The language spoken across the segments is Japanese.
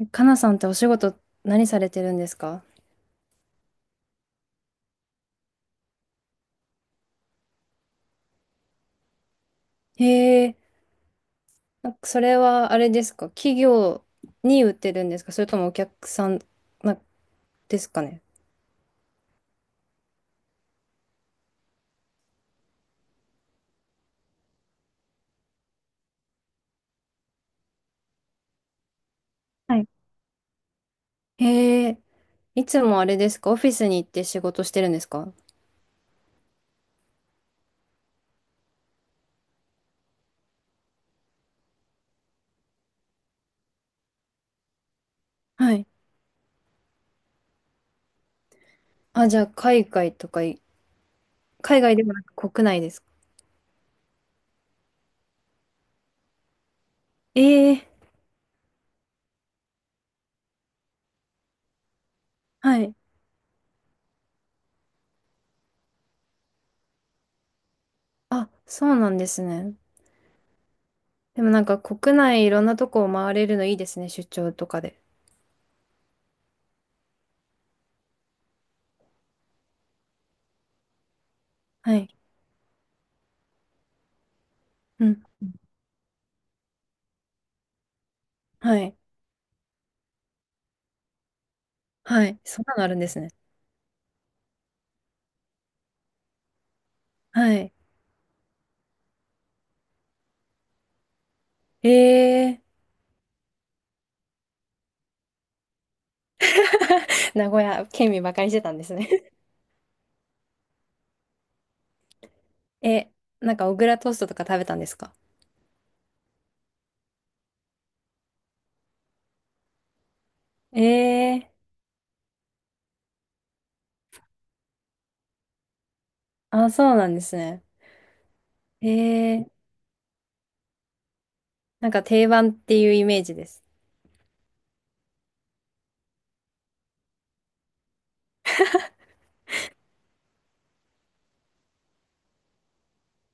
えかなさんってお仕事何されてるんですか？へえ。なんかそれはあれですか？企業に売ってるんですか？それともお客さんなですかね？はい。へえ。いつもあれですか？オフィスに行って仕事してるんですか？はい。あ、じゃあ海外とかい、海外でもなく国内ですか？ええ、はい。あ、そうなんですね。でもなんか国内いろんなとこを回れるのいいですね、出張とかで。はい。うん。はい。はい。そんなのあるんですね。はい。えー、名古屋県民ばかりしてたんですね。 え、なんか小倉トーストとか食べたんですか？え。えー、あ、そうなんですね。えー、なんか定番っていうイメージです。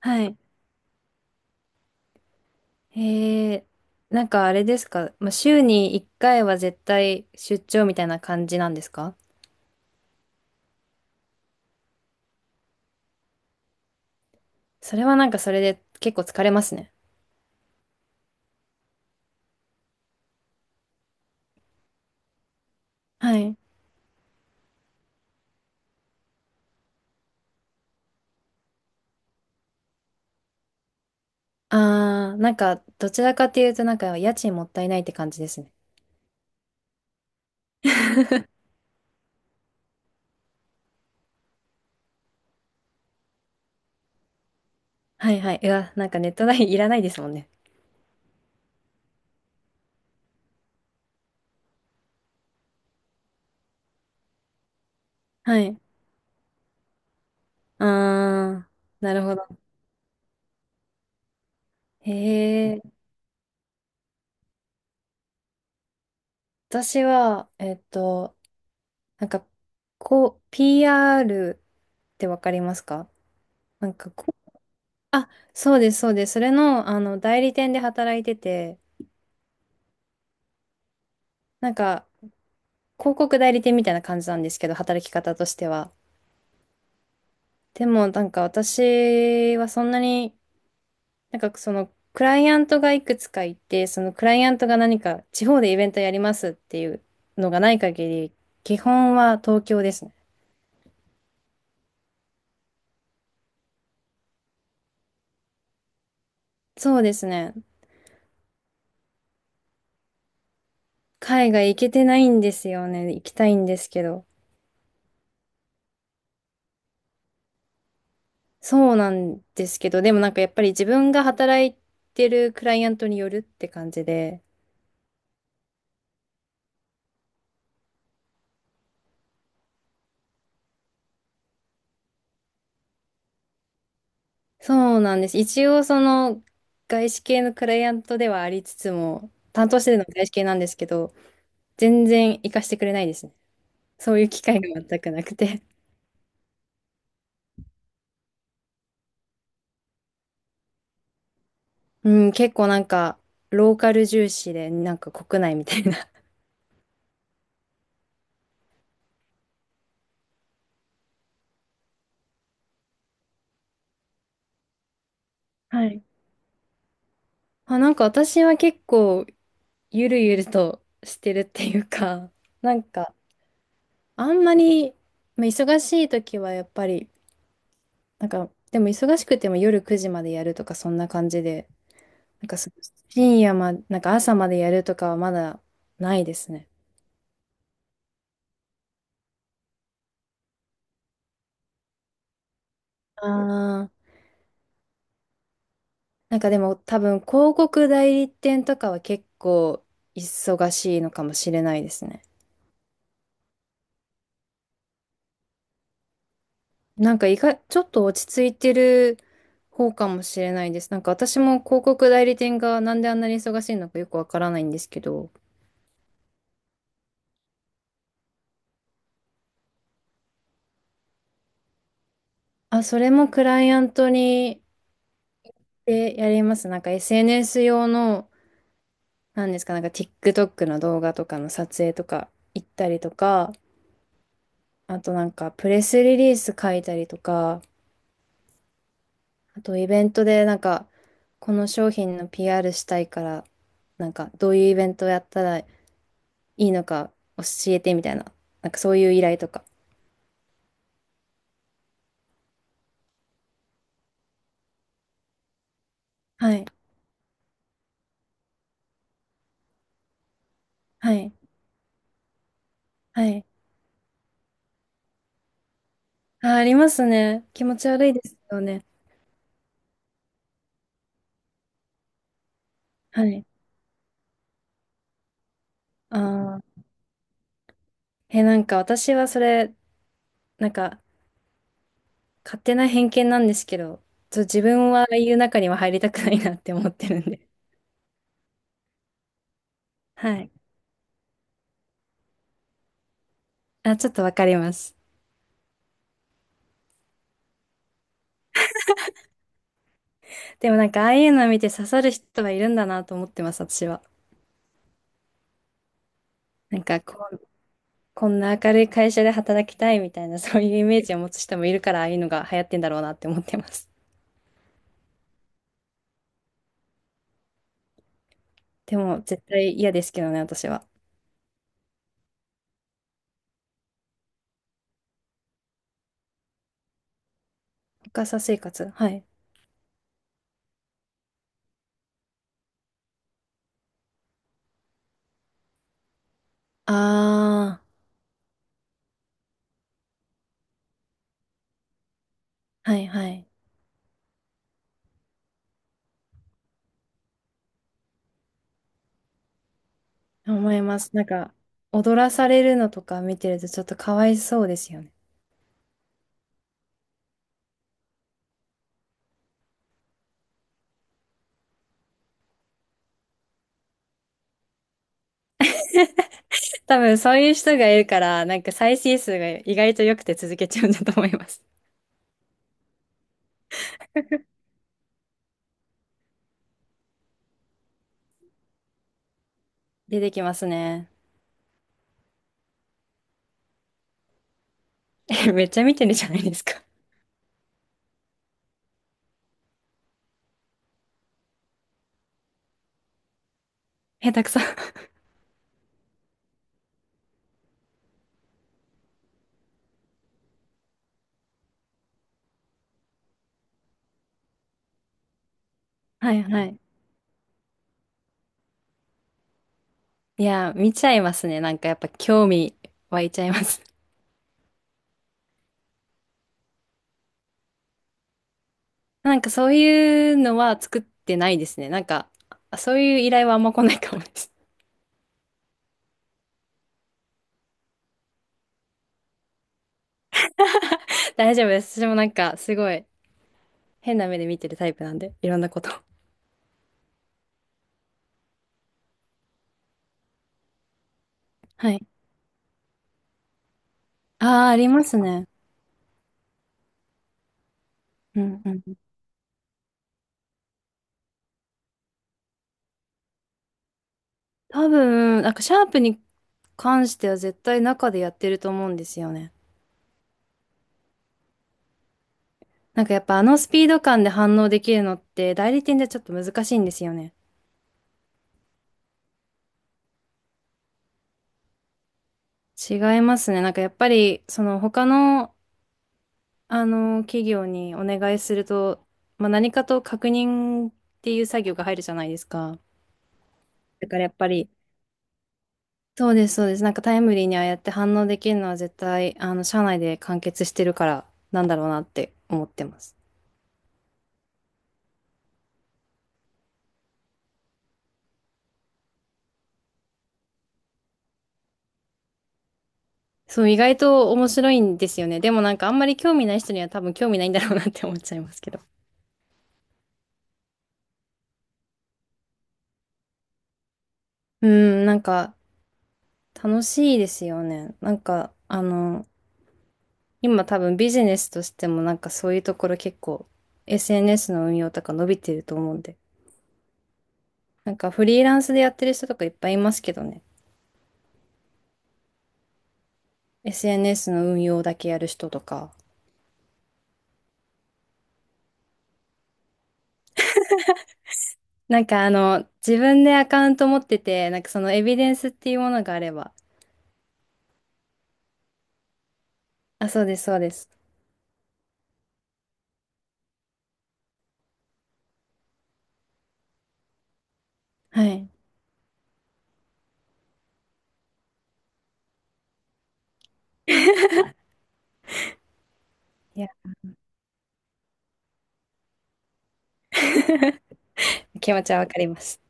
はい。えー、なんかあれですか、まあ、週に1回は絶対出張みたいな感じなんですか？それはなんかそれで結構疲れますね。はい。あー、なんかどちらかっていうとなんか家賃もったいないって感じですね。はいはい。うわ、なんかネット代いらないですもんね。はい。あー、なるほど。へえ。私は、なんか、こう、PR ってわかりますか？なんかこう、あ、そうです、そうです。それの、あの、代理店で働いてて、なんか、広告代理店みたいな感じなんですけど、働き方としては。でも、なんか私はそんなに、なんかその、クライアントがいくつかいて、そのクライアントが何か地方でイベントやりますっていうのがない限り、基本は東京ですね。そうですね。海外行けてないんですよね。行きたいんですけど。そうなんですけど、でもなんかやっぱり自分が働いてるクライアントによるって感じで。そうなんです。一応その外資系のクライアントではありつつも、担当してるのは外資系なんですけど、全然行かしてくれないですね。そういう機会が全くなくて。うん、結構なんかローカル重視で、なんか国内みたいな。はい。あ、なんか私は結構ゆるゆるとしてるっていうか、なんか、あんまり、まあ忙しい時はやっぱり、なんか、でも忙しくても夜9時までやるとか、そんな感じで、なんかす、深夜ま、なんか朝までやるとかはまだないですね。ああ、なんかでも多分、広告代理店とかは結構忙しいのかもしれないですね。なんか意外、ちょっと落ち着いてる方かもしれないです。なんか私も広告代理店がなんであんなに忙しいのかよくわからないんですけど、あ、それもクライアントにでやります。なんか SNS 用の、なんですか、なんか TikTok の動画とかの撮影とか行ったりとか、あとなんかプレスリリース書いたりとか、あとイベントでなんかこの商品の PR したいから、なんかどういうイベントをやったらいいのか教えてみたいな、なんかそういう依頼とか。はい、はい、はい。あ、ありますね。気持ち悪いですよね。はい。ああ。え、なんか私はそれ、なんか勝手な偏見なんですけど、自分はああいう中には入りたくないなって思ってるんで。はい。あ、ちょっとわかります。でもなんかああいうのを見て刺さる人はいるんだなと思ってます、私は。なんかこう、こんな明るい会社で働きたいみたいな、そういうイメージを持つ人もいるから、ああいうのが流行ってんだろうなって思ってます。でも、絶対嫌ですけどね、私は。深さ生活。はい。ああ、はいはい。思います。なんか、踊らされるのとか見てるとちょっとかわいそうですよね。多分そういう人がいるから、なんか再生数が意外と良くて続けちゃうんだと思います。出てきますね。え、めっちゃ見てるじゃないですか。下手くそ。はいはい。いや、見ちゃいますね。なんかやっぱ興味湧いちゃいます。なんかそういうのは作ってないですね。なんか、そういう依頼はあんま来ないかもです。大丈夫です。私もなんか、すごい、変な目で見てるタイプなんで、いろんなこと。はい。ああ、ありますね。うんうん。多分、なんか、シャープに関しては絶対中でやってると思うんですよね。なんかやっぱあのスピード感で反応できるのって代理店ではちょっと難しいんですよね。違いますね。なんかやっぱり、その他の、あの、企業にお願いすると、まあ、何かと確認っていう作業が入るじゃないですか。だからやっぱり、そうです、そうです。なんかタイムリーにああやって反応できるのは絶対、あの、社内で完結してるから、なんだろうなって思ってます。そう、意外と面白いんですよね。でもなんかあんまり興味ない人には多分興味ないんだろうなって思っちゃいますけど。うん、なんか楽しいですよね。なんか、あの、今多分ビジネスとしてもなんかそういうところ結構 SNS の運用とか伸びてると思うんで。なんかフリーランスでやってる人とかいっぱいいますけどね。SNS の運用だけやる人とか。なんかあの、自分でアカウント持ってて、なんかそのエビデンスっていうものがあれば。あ、そうです、そうです。はい。いや、気持ちはわかります。